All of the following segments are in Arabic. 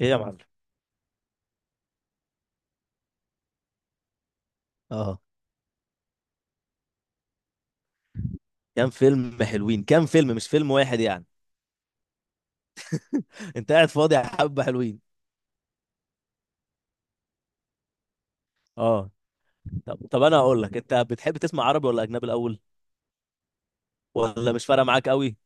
ايه يا معلم. اه كام فيلم حلوين؟ كام فيلم، مش فيلم واحد يعني. انت قاعد فاضي يا حبه حلوين. اه. طب انا هقول لك، انت بتحب تسمع عربي ولا اجنبي الاول؟ ولا مش فارقه معاك قوي؟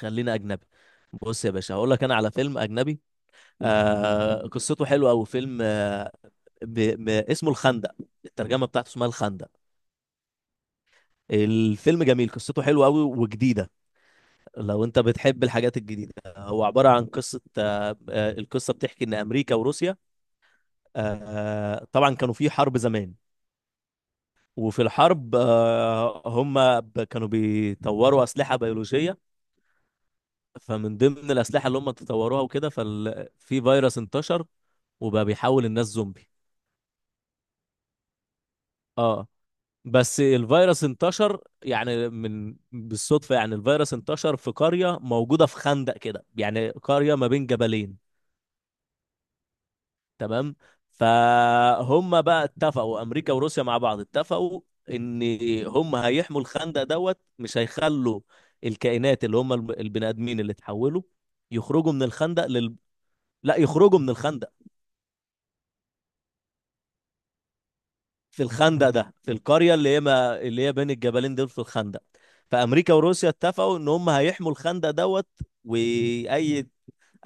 خلينا اجنبي. بص يا باشا هقول لك انا على فيلم اجنبي. قصته حلوه قوي، فيلم ب... اسمه الخندق. الترجمه بتاعته اسمها الخندق. الفيلم جميل، قصته حلوه قوي وجديده. لو انت بتحب الحاجات الجديده، هو عباره عن قصه القصه بتحكي ان امريكا وروسيا، طبعا كانوا في حرب زمان. وفي الحرب، كانوا بيطوروا أسلحة بيولوجية. فمن ضمن الأسلحة اللي هم تطوروها وكده ففي فيروس انتشر، وبقى بيحول الناس زومبي. اه. بس الفيروس انتشر يعني من بالصدفة، يعني الفيروس انتشر في قرية موجودة في خندق كده، يعني قرية ما بين جبلين. تمام. فهم بقى اتفقوا، امريكا وروسيا مع بعض اتفقوا ان هم هيحموا الخندق دوت، مش هيخلوا الكائنات اللي هم البني ادمين اللي اتحولوا يخرجوا من الخندق لا يخرجوا من الخندق في الخندق ده، في القريه اللي هي ما... اللي هي بين الجبلين دول في الخندق. فامريكا وروسيا اتفقوا ان هم هيحموا الخندق دوت، واي اي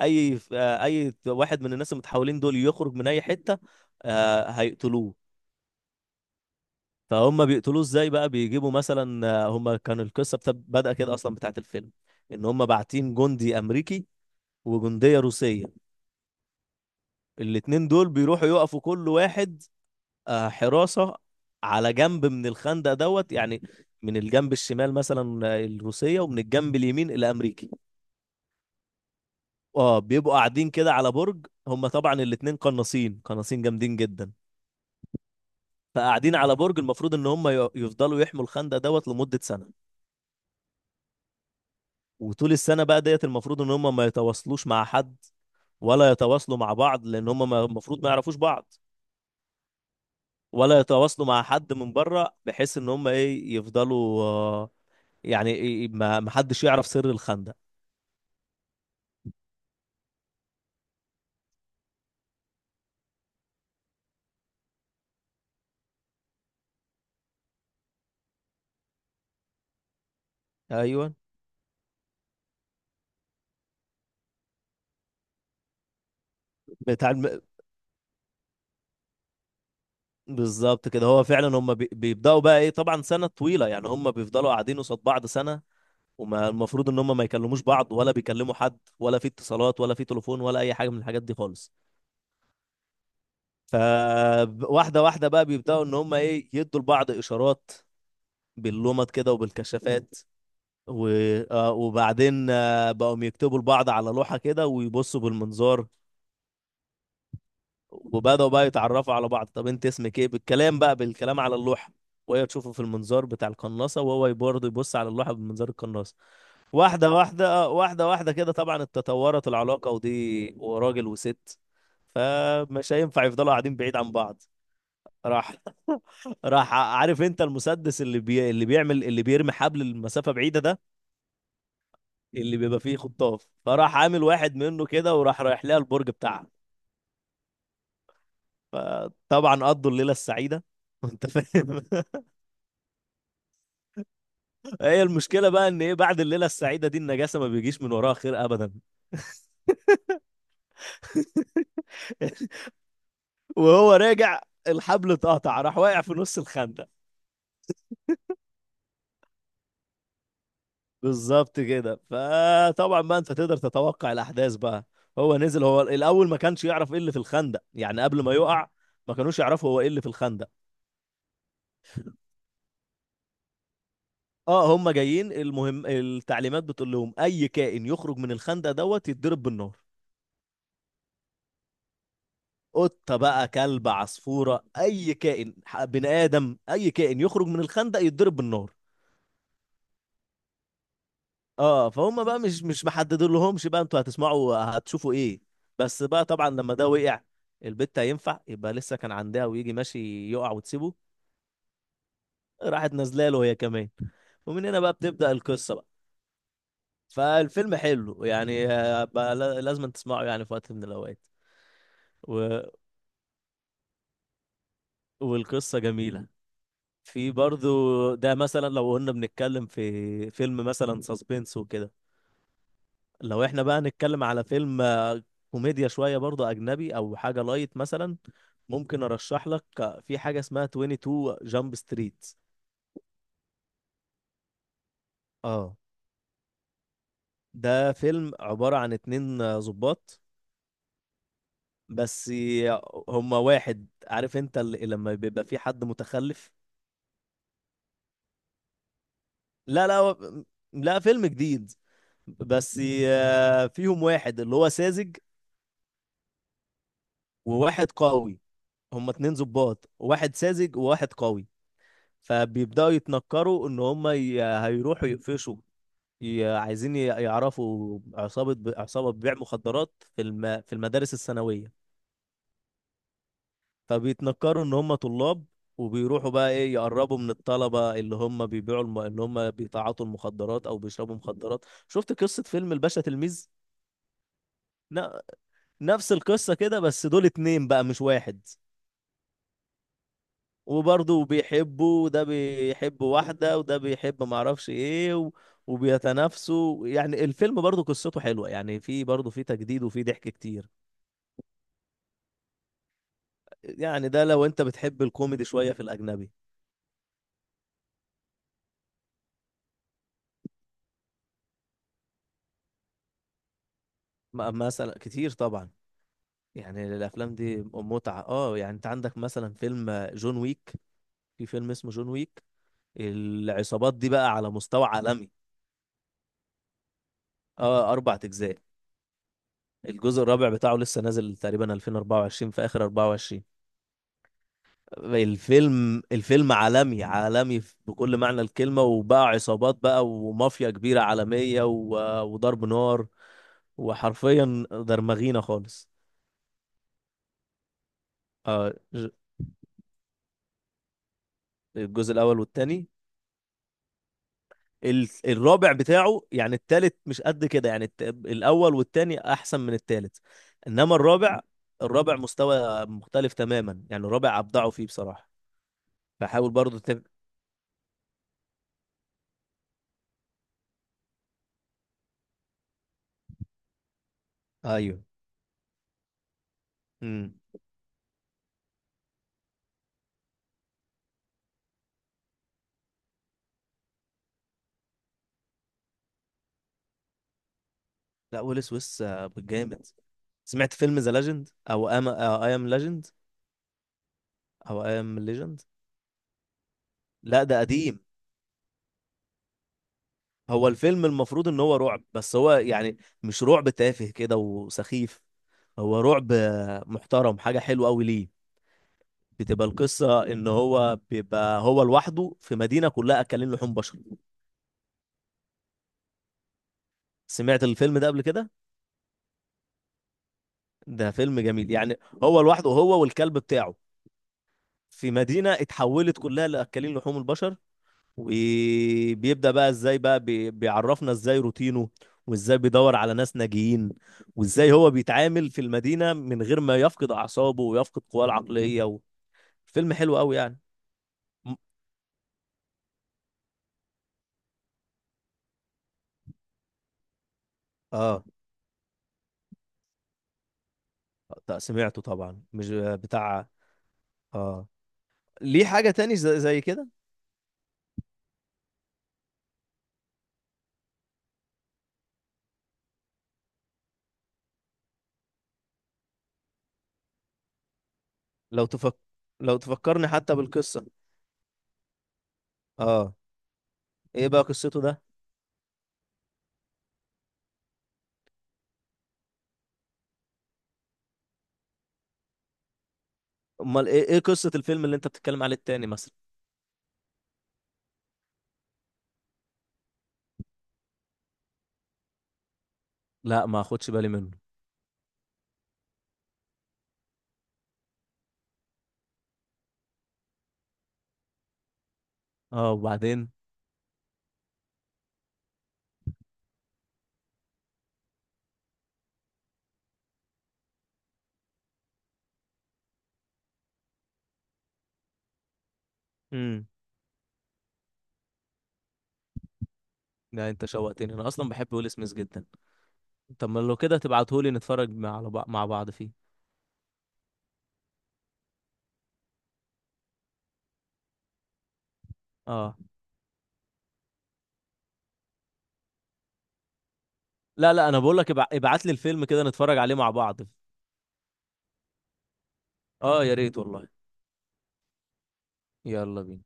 اي واحد من الناس المتحولين دول يخرج من اي حته، هيقتلوه. فهم بيقتلوه ازاي بقى؟ بيجيبوا مثلا، هم كان القصه بدأ كده اصلا بتاعت الفيلم ان هم باعتين جندي امريكي وجنديه روسيه. الاتنين دول بيروحوا يقفوا كل واحد حراسه على جنب من الخندق دوت يعني، من الجنب الشمال مثلا الروسيه، ومن الجنب اليمين الامريكي. اه. بيبقوا قاعدين كده على برج، هم طبعا الاتنين قناصين، جامدين جدا. فقاعدين على برج، المفروض ان هم يفضلوا يحموا الخندق دوت لمده سنه. وطول السنة بقى ديت المفروض ان هم ما يتواصلوش مع حد، ولا يتواصلوا مع بعض لان هم المفروض ما يعرفوش بعض، ولا يتواصلوا مع حد من بره، بحيث ان هم ايه يفضلوا يعني إيه إيه، ما حدش يعرف سر الخندق. ايوه. بتاع الم... بالظبط كده، هو فعلا هم بيبداوا بقى ايه، طبعا سنة طويلة يعني، هم بيفضلوا قاعدين قصاد بعض سنة، وما المفروض ان هم ما يكلموش بعض، ولا بيكلموا حد، ولا في اتصالات، ولا في تليفون، ولا اي حاجة من الحاجات دي خالص. فواحدة واحدة بقى بيبدأوا إن هم إيه يدوا لبعض إشارات باللمض كده وبالكشافات و... آه، وبعدين بقوا يكتبوا لبعض على لوحة كده ويبصوا بالمنظار. وبدأوا بقى يتعرفوا على بعض. طب أنت اسمك إيه، بالكلام بقى، بالكلام على اللوحة، وهي تشوفه في المنظار بتاع القناصة، وهو برضه يبص على اللوحة بمنظار القناصة. واحدة واحدة واحدة واحدة كده طبعا اتطورت العلاقة، ودي وراجل وست، فمش هينفع يفضلوا قاعدين بعيد عن بعض. راح راح، عارف انت المسدس اللي اللي بيعمل، اللي بيرمي حبل المسافة بعيدة ده، اللي بيبقى فيه خطاف، فراح عامل واحد منه كده وراح رايح لها البرج بتاعها. فطبعا قضوا الليلة السعيدة انت فاهم. هي المشكلة بقى ان ايه، بعد الليلة السعيدة دي، النجاسة ما بيجيش من وراها خير ابدا. وهو راجع الحبل اتقطع، راح واقع في نص الخندق. بالظبط كده. فطبعا بقى انت تقدر تتوقع الاحداث بقى. هو نزل، هو الاول ما كانش يعرف ايه اللي في الخندق يعني قبل ما يقع، ما كانوش يعرفوا هو ايه اللي في الخندق. اه هم جايين، المهم التعليمات بتقول لهم اي كائن يخرج من الخندق دوت يتضرب بالنار. قطه بقى، كلب، عصفوره، اي كائن بني ادم، اي كائن يخرج من الخندق يتضرب بالنار. اه فهم بقى مش محددين لهمش بقى انتوا هتسمعوا هتشوفوا ايه. بس بقى طبعا لما ده وقع، البت هينفع يبقى لسه كان عندها ويجي ماشي يقع وتسيبه؟ راحت نازله له هي كمان. ومن هنا بقى بتبدأ القصة بقى. فالفيلم حلو يعني، بقى لازم تسمعه يعني في وقت من الأوقات. و... والقصة جميلة. في برضو ده مثلا، لو قلنا بنتكلم في فيلم مثلا ساسبنس وكده، لو احنا بقى نتكلم على فيلم كوميديا شوية برضو أجنبي أو حاجة لايت مثلا، ممكن أرشح لك في حاجة اسمها 22 جامب ستريت. اه. ده فيلم عبارة عن اتنين ضباط. بس ي- هما واحد، عارف انت اللي لما بيبقى في حد متخلف. لا لا هو- لا، فيلم جديد. بس فيهم واحد اللي هو ساذج، وواحد قوي. هما اتنين ضباط، واحد ساذج وواحد قوي. فبيبداوا يتنكروا ان هم هيروحوا يقفشوا، عايزين يعرفوا عصابة عصابة بيع مخدرات في في المدارس الثانوية. فبيتنكروا ان هم طلاب، وبيروحوا بقى ايه يقربوا من الطلبة اللي هم بيبيعوا اللي هم بيتعاطوا المخدرات او بيشربوا مخدرات. شفت قصة فيلم الباشا تلميذ؟ ن... نفس القصة كده، بس دول اتنين بقى مش واحد. وبرضه بيحبوا، وده بيحب واحدة، وده بيحب معرفش ايه، وبيتنافسوا. يعني الفيلم برضه قصته حلوة يعني، في برضه في تجديد وفي ضحك كتير. يعني ده لو انت بتحب الكوميدي شوية في الأجنبي. مثلا كتير طبعا، يعني الأفلام دي متعة. اه. يعني انت عندك مثلا فيلم جون ويك، في فيلم اسمه جون ويك. العصابات دي بقى على مستوى عالمي. اه، أربع أجزاء. الجزء الرابع بتاعه لسه نازل تقريبا 2024، في آخر 24. الفيلم، الفيلم عالمي، عالمي بكل معنى الكلمة، وبقى عصابات بقى، ومافيا كبيرة عالمية، وضرب نار، وحرفيا درمغينا خالص. آه، ج- الجزء الأول والتاني. الرابع بتاعه يعني، التالت مش قد كده يعني، الأول والتاني أحسن من التالت. إنما الرابع، الرابع مستوى مختلف تماما يعني، الرابع أبدعوا فيه بصراحة. فحاول برضو أيوه. امم. لا، ويل سويس جامد. سمعت فيلم ذا ليجند او ام اي ام ليجند او اي ام ليجند؟ لا ده قديم. هو الفيلم المفروض ان هو رعب، بس هو يعني مش رعب تافه كده وسخيف، هو رعب محترم، حاجة حلوة قوي ليه. بتبقى القصة ان هو بيبقى هو لوحده في مدينة كلها اكلين لحوم بشر. سمعت الفيلم ده قبل كده؟ ده فيلم جميل يعني. هو لوحده، هو والكلب بتاعه، في مدينة اتحولت كلها لأكلين لحوم البشر. وبيبدأ بقى ازاي بقى بيعرفنا ازاي روتينه، وازاي بيدور على ناس ناجيين، وازاي هو بيتعامل في المدينة من غير ما يفقد أعصابه ويفقد قواه العقلية فيلم حلو قوي يعني. م- اه. سمعته طبعا، مش بتاع. اه. ليه حاجة تاني زي, زي كده؟ لو تفك... لو تفكرني حتى بالقصة. اه، ايه بقى قصته ده؟ امال ايه، ايه قصة الفيلم اللي انت بتتكلم عليه التاني مثلا؟ لا ما اخدش بالي منه. اه، وبعدين؟ لا انت شوقتني، انا اصلا بحب ويل سميث جدا. طب ما لو كده تبعتهولي نتفرج مع، على مع بعض فيه. اه. لا لا، انا بقول لك ابعت لي الفيلم كده نتفرج عليه مع بعض. اه يا ريت والله. يلا بينا.